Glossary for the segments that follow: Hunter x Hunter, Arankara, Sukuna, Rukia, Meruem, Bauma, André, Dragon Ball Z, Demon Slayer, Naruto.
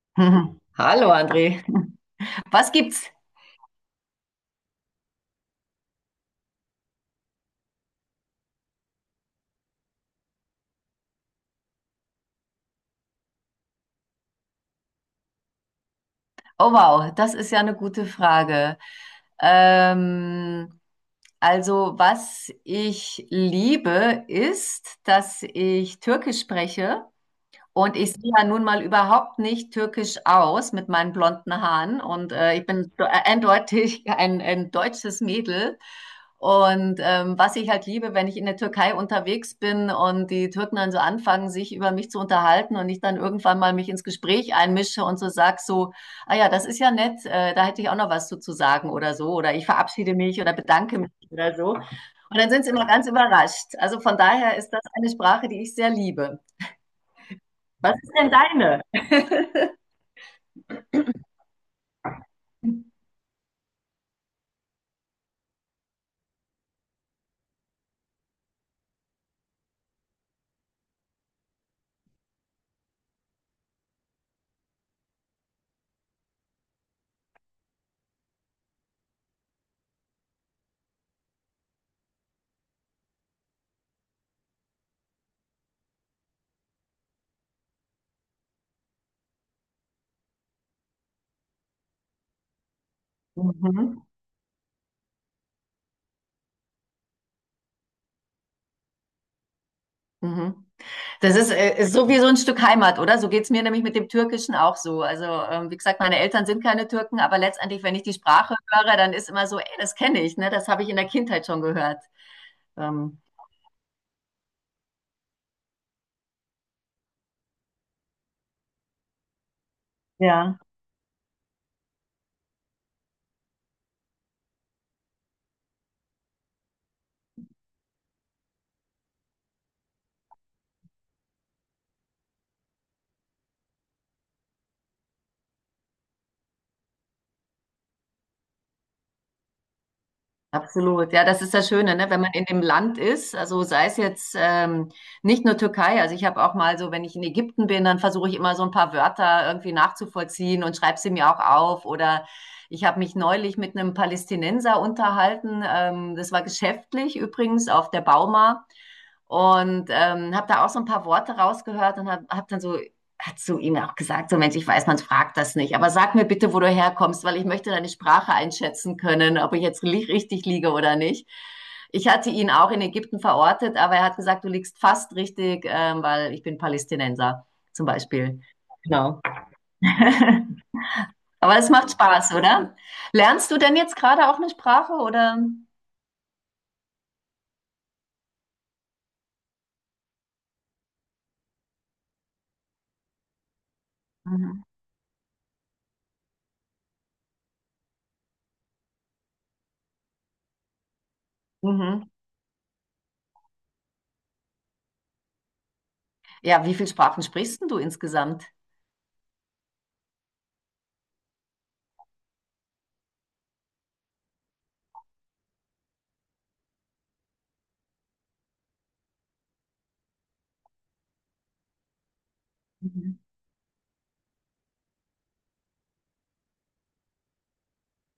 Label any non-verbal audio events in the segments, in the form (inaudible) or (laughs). (laughs) Mhm. Hallo André, was gibt's? Oh wow, das ist ja eine gute Frage. Ähm, also was ich liebe, ist, dass ich Türkisch spreche. Und ich sehe ja nun mal überhaupt nicht türkisch aus mit meinen blonden Haaren. Und ich bin eindeutig (laughs) ein deutsches Mädel. Und was ich halt liebe, wenn ich in der Türkei unterwegs bin und die Türken dann so anfangen, sich über mich zu unterhalten und ich dann irgendwann mal mich ins Gespräch einmische und so sag so, ah ja, das ist ja nett, da hätte ich auch noch was zu sagen oder so. Oder ich verabschiede mich oder bedanke mich oder so. Und dann sind sie immer ganz überrascht. Also von daher ist das eine Sprache, die ich sehr liebe. Was ist denn deine? Mhm. Mhm. Das ist, ist so wie so ein Stück Heimat, oder? So geht's mir nämlich mit dem Türkischen auch so. Also, wie gesagt, meine Eltern sind keine Türken, aber letztendlich, wenn ich die Sprache höre, dann ist immer so, ey, das kenne ich, ne? Das habe ich in der Kindheit schon gehört. Ähm, ja. Absolut, ja, das ist das Schöne, ne? Wenn man in dem Land ist, also sei es jetzt nicht nur Türkei, also ich habe auch mal so, wenn ich in Ägypten bin, dann versuche ich immer so ein paar Wörter irgendwie nachzuvollziehen und schreibe sie mir auch auf. Oder ich habe mich neulich mit einem Palästinenser unterhalten, das war geschäftlich übrigens auf der Bauma und habe da auch so ein paar Worte rausgehört und habe hab hab dann so hat zu ihm auch gesagt, so Mensch, ich weiß, man fragt das nicht, aber sag mir bitte, wo du herkommst, weil ich möchte deine Sprache einschätzen können, ob ich jetzt richtig liege oder nicht. Ich hatte ihn auch in Ägypten verortet, aber er hat gesagt, du liegst fast richtig, weil ich bin Palästinenser zum Beispiel. Genau. (laughs) Aber es macht Spaß, oder? Lernst du denn jetzt gerade auch eine Sprache oder? Mhm. Mhm. Ja, wie viele Sprachen sprichst denn du insgesamt?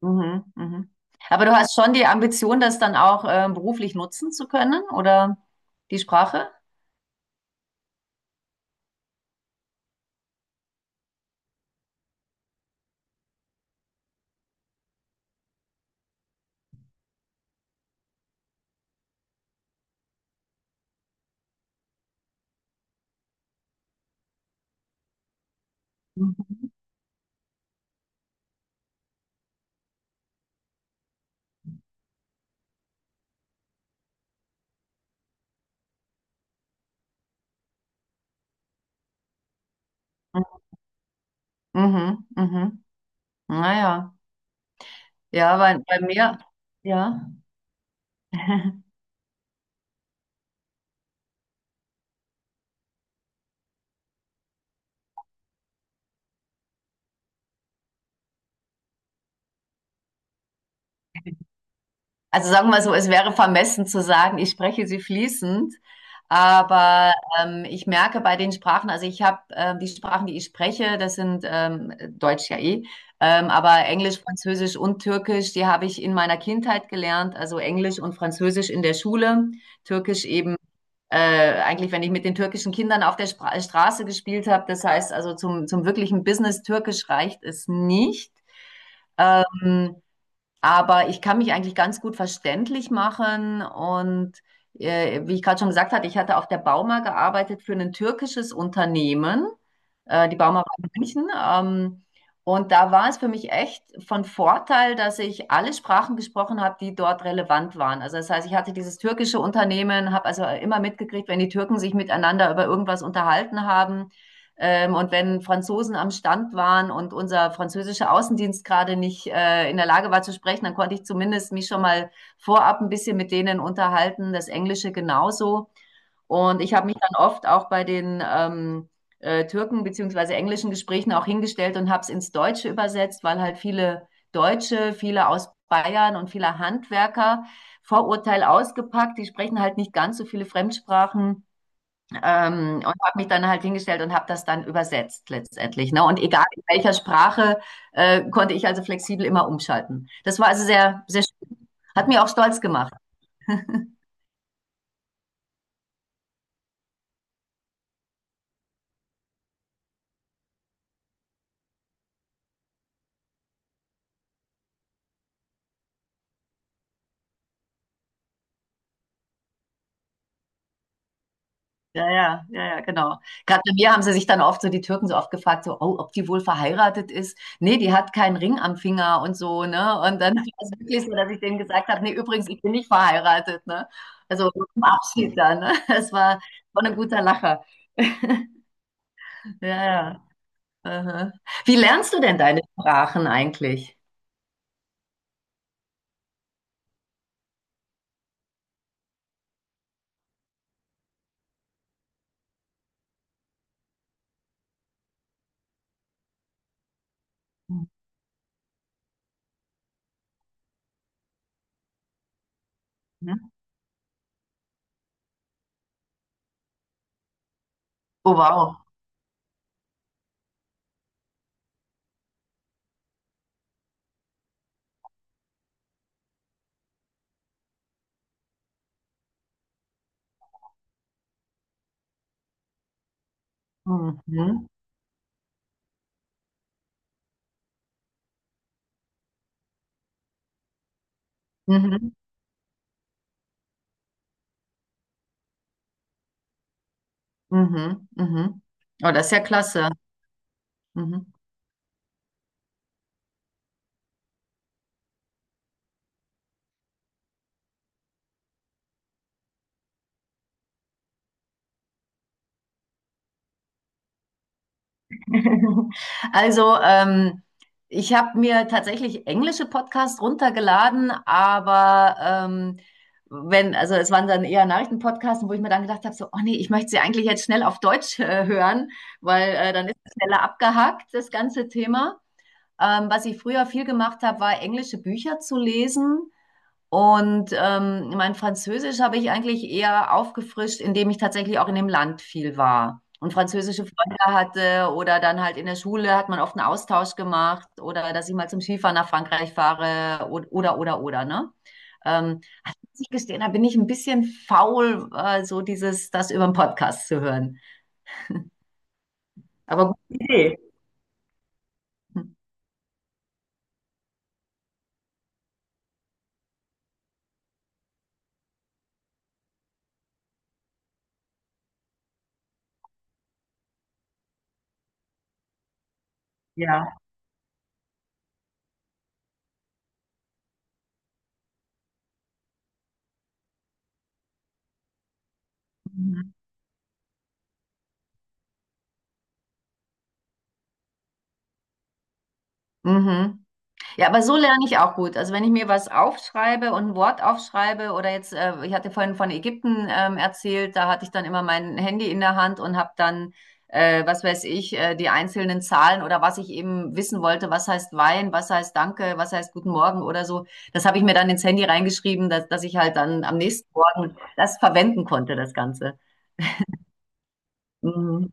Mhm, mhm. Aber du hast schon die Ambition, das dann auch beruflich nutzen zu können, oder die Sprache? Mhm, mhm. Mhm. Naja, ja, ja, bei mir, ja. (laughs) Also sagen wir mal so, es wäre vermessen zu sagen, ich spreche sie fließend, aber ich merke bei den Sprachen, also ich habe die Sprachen, die ich spreche, das sind Deutsch ja eh, aber Englisch, Französisch und Türkisch, die habe ich in meiner Kindheit gelernt, also Englisch und Französisch in der Schule, Türkisch eben. Äh, eigentlich, wenn ich mit den türkischen Kindern auf der Spra Straße gespielt habe, das heißt also zum wirklichen Business Türkisch reicht es nicht. Ähm, aber ich kann mich eigentlich ganz gut verständlich machen und wie ich gerade schon gesagt hatte, ich hatte auf der Bauma gearbeitet für ein türkisches Unternehmen. Die Bauma war in München. Und da war es für mich echt von Vorteil, dass ich alle Sprachen gesprochen habe, die dort relevant waren. Also das heißt, ich hatte dieses türkische Unternehmen, habe also immer mitgekriegt, wenn die Türken sich miteinander über irgendwas unterhalten haben, und wenn Franzosen am Stand waren und unser französischer Außendienst gerade nicht in der Lage war zu sprechen, dann konnte ich zumindest mich schon mal vorab ein bisschen mit denen unterhalten, das Englische genauso. Und ich habe mich dann oft auch bei den Türken beziehungsweise englischen Gesprächen auch hingestellt und habe es ins Deutsche übersetzt, weil halt viele Deutsche, viele aus Bayern und viele Handwerker Vorurteil ausgepackt, die sprechen halt nicht ganz so viele Fremdsprachen, und habe mich dann halt hingestellt und habe das dann übersetzt letztendlich. Ne? Und egal in welcher Sprache, konnte ich also flexibel immer umschalten. Das war also sehr, sehr schön. Hat mir auch stolz gemacht. Ja, ja, ja, ja, genau. Gerade bei mir haben sie sich dann oft so, die Türken so oft gefragt, so, oh, ob die wohl verheiratet ist. Nee, die hat keinen Ring am Finger und so, ne? Und dann war es wirklich so, dass ich denen gesagt habe, nee, übrigens, ich bin nicht verheiratet, ne? Also zum Abschied dann, ne? (laughs) Das war, war ein guter Lacher. (laughs) Ja, ja. Aha. Wie lernst du denn deine Sprachen eigentlich? Mhm. Oh, wow. Mhm. Mhm. Mhm. Mhm. Oh, das ist ja klasse. Mhm. (laughs) Also, ich habe mir tatsächlich englische Podcasts runtergeladen, aber wenn, also es waren dann eher Nachrichtenpodcasts, wo ich mir dann gedacht habe, so, oh nee, ich möchte sie eigentlich jetzt schnell auf Deutsch hören, weil dann ist es schneller abgehakt, das ganze Thema. Was ich früher viel gemacht habe, war englische Bücher zu lesen. Und mein Französisch habe ich eigentlich eher aufgefrischt, indem ich tatsächlich auch in dem Land viel war und französische Freunde hatte oder dann halt in der Schule hat man oft einen Austausch gemacht oder dass ich mal zum Skifahren nach Frankreich fahre oder ne? Ähm, muss ich gestehen, da bin ich ein bisschen faul, so dieses, das über den Podcast zu hören. Aber gute Idee. Hm. Ja. Mhm. Mhm. Ja, aber so lerne ich auch gut. Also wenn ich mir was aufschreibe und ein Wort aufschreibe oder jetzt, ich hatte vorhin von Ägypten erzählt, da hatte ich dann immer mein Handy in der Hand und habe dann, was weiß ich, die einzelnen Zahlen oder was ich eben wissen wollte, was heißt Wein, was heißt Danke, was heißt Guten Morgen oder so. Das habe ich mir dann ins Handy reingeschrieben, dass ich halt dann am nächsten Morgen das verwenden konnte, das Ganze. Mhm.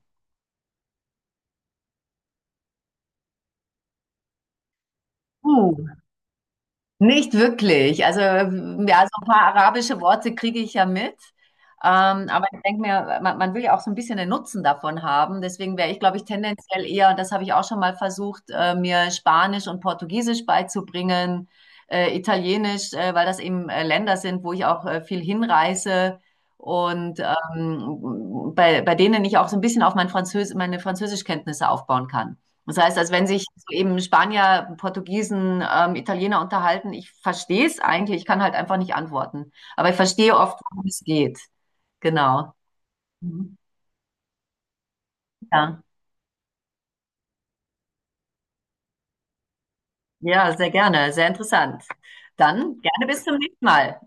Uh. Nicht wirklich. Also, ja, so ein paar arabische Worte kriege ich ja mit. Aber ich denke mir, man will ja auch so ein bisschen den Nutzen davon haben. Deswegen wäre ich, glaube ich, tendenziell eher, und das habe ich auch schon mal versucht, mir Spanisch und Portugiesisch beizubringen, Italienisch, weil das eben Länder sind, wo ich auch viel hinreise und bei denen ich auch so ein bisschen auf mein Französ meine Französischkenntnisse aufbauen kann. Das heißt, als wenn sich so eben Spanier, Portugiesen, Italiener unterhalten, ich verstehe es eigentlich, ich kann halt einfach nicht antworten. Aber ich verstehe oft, worum es geht. Genau. Mhm. Ja. Ja, sehr gerne, sehr interessant. Dann gerne bis zum nächsten Mal.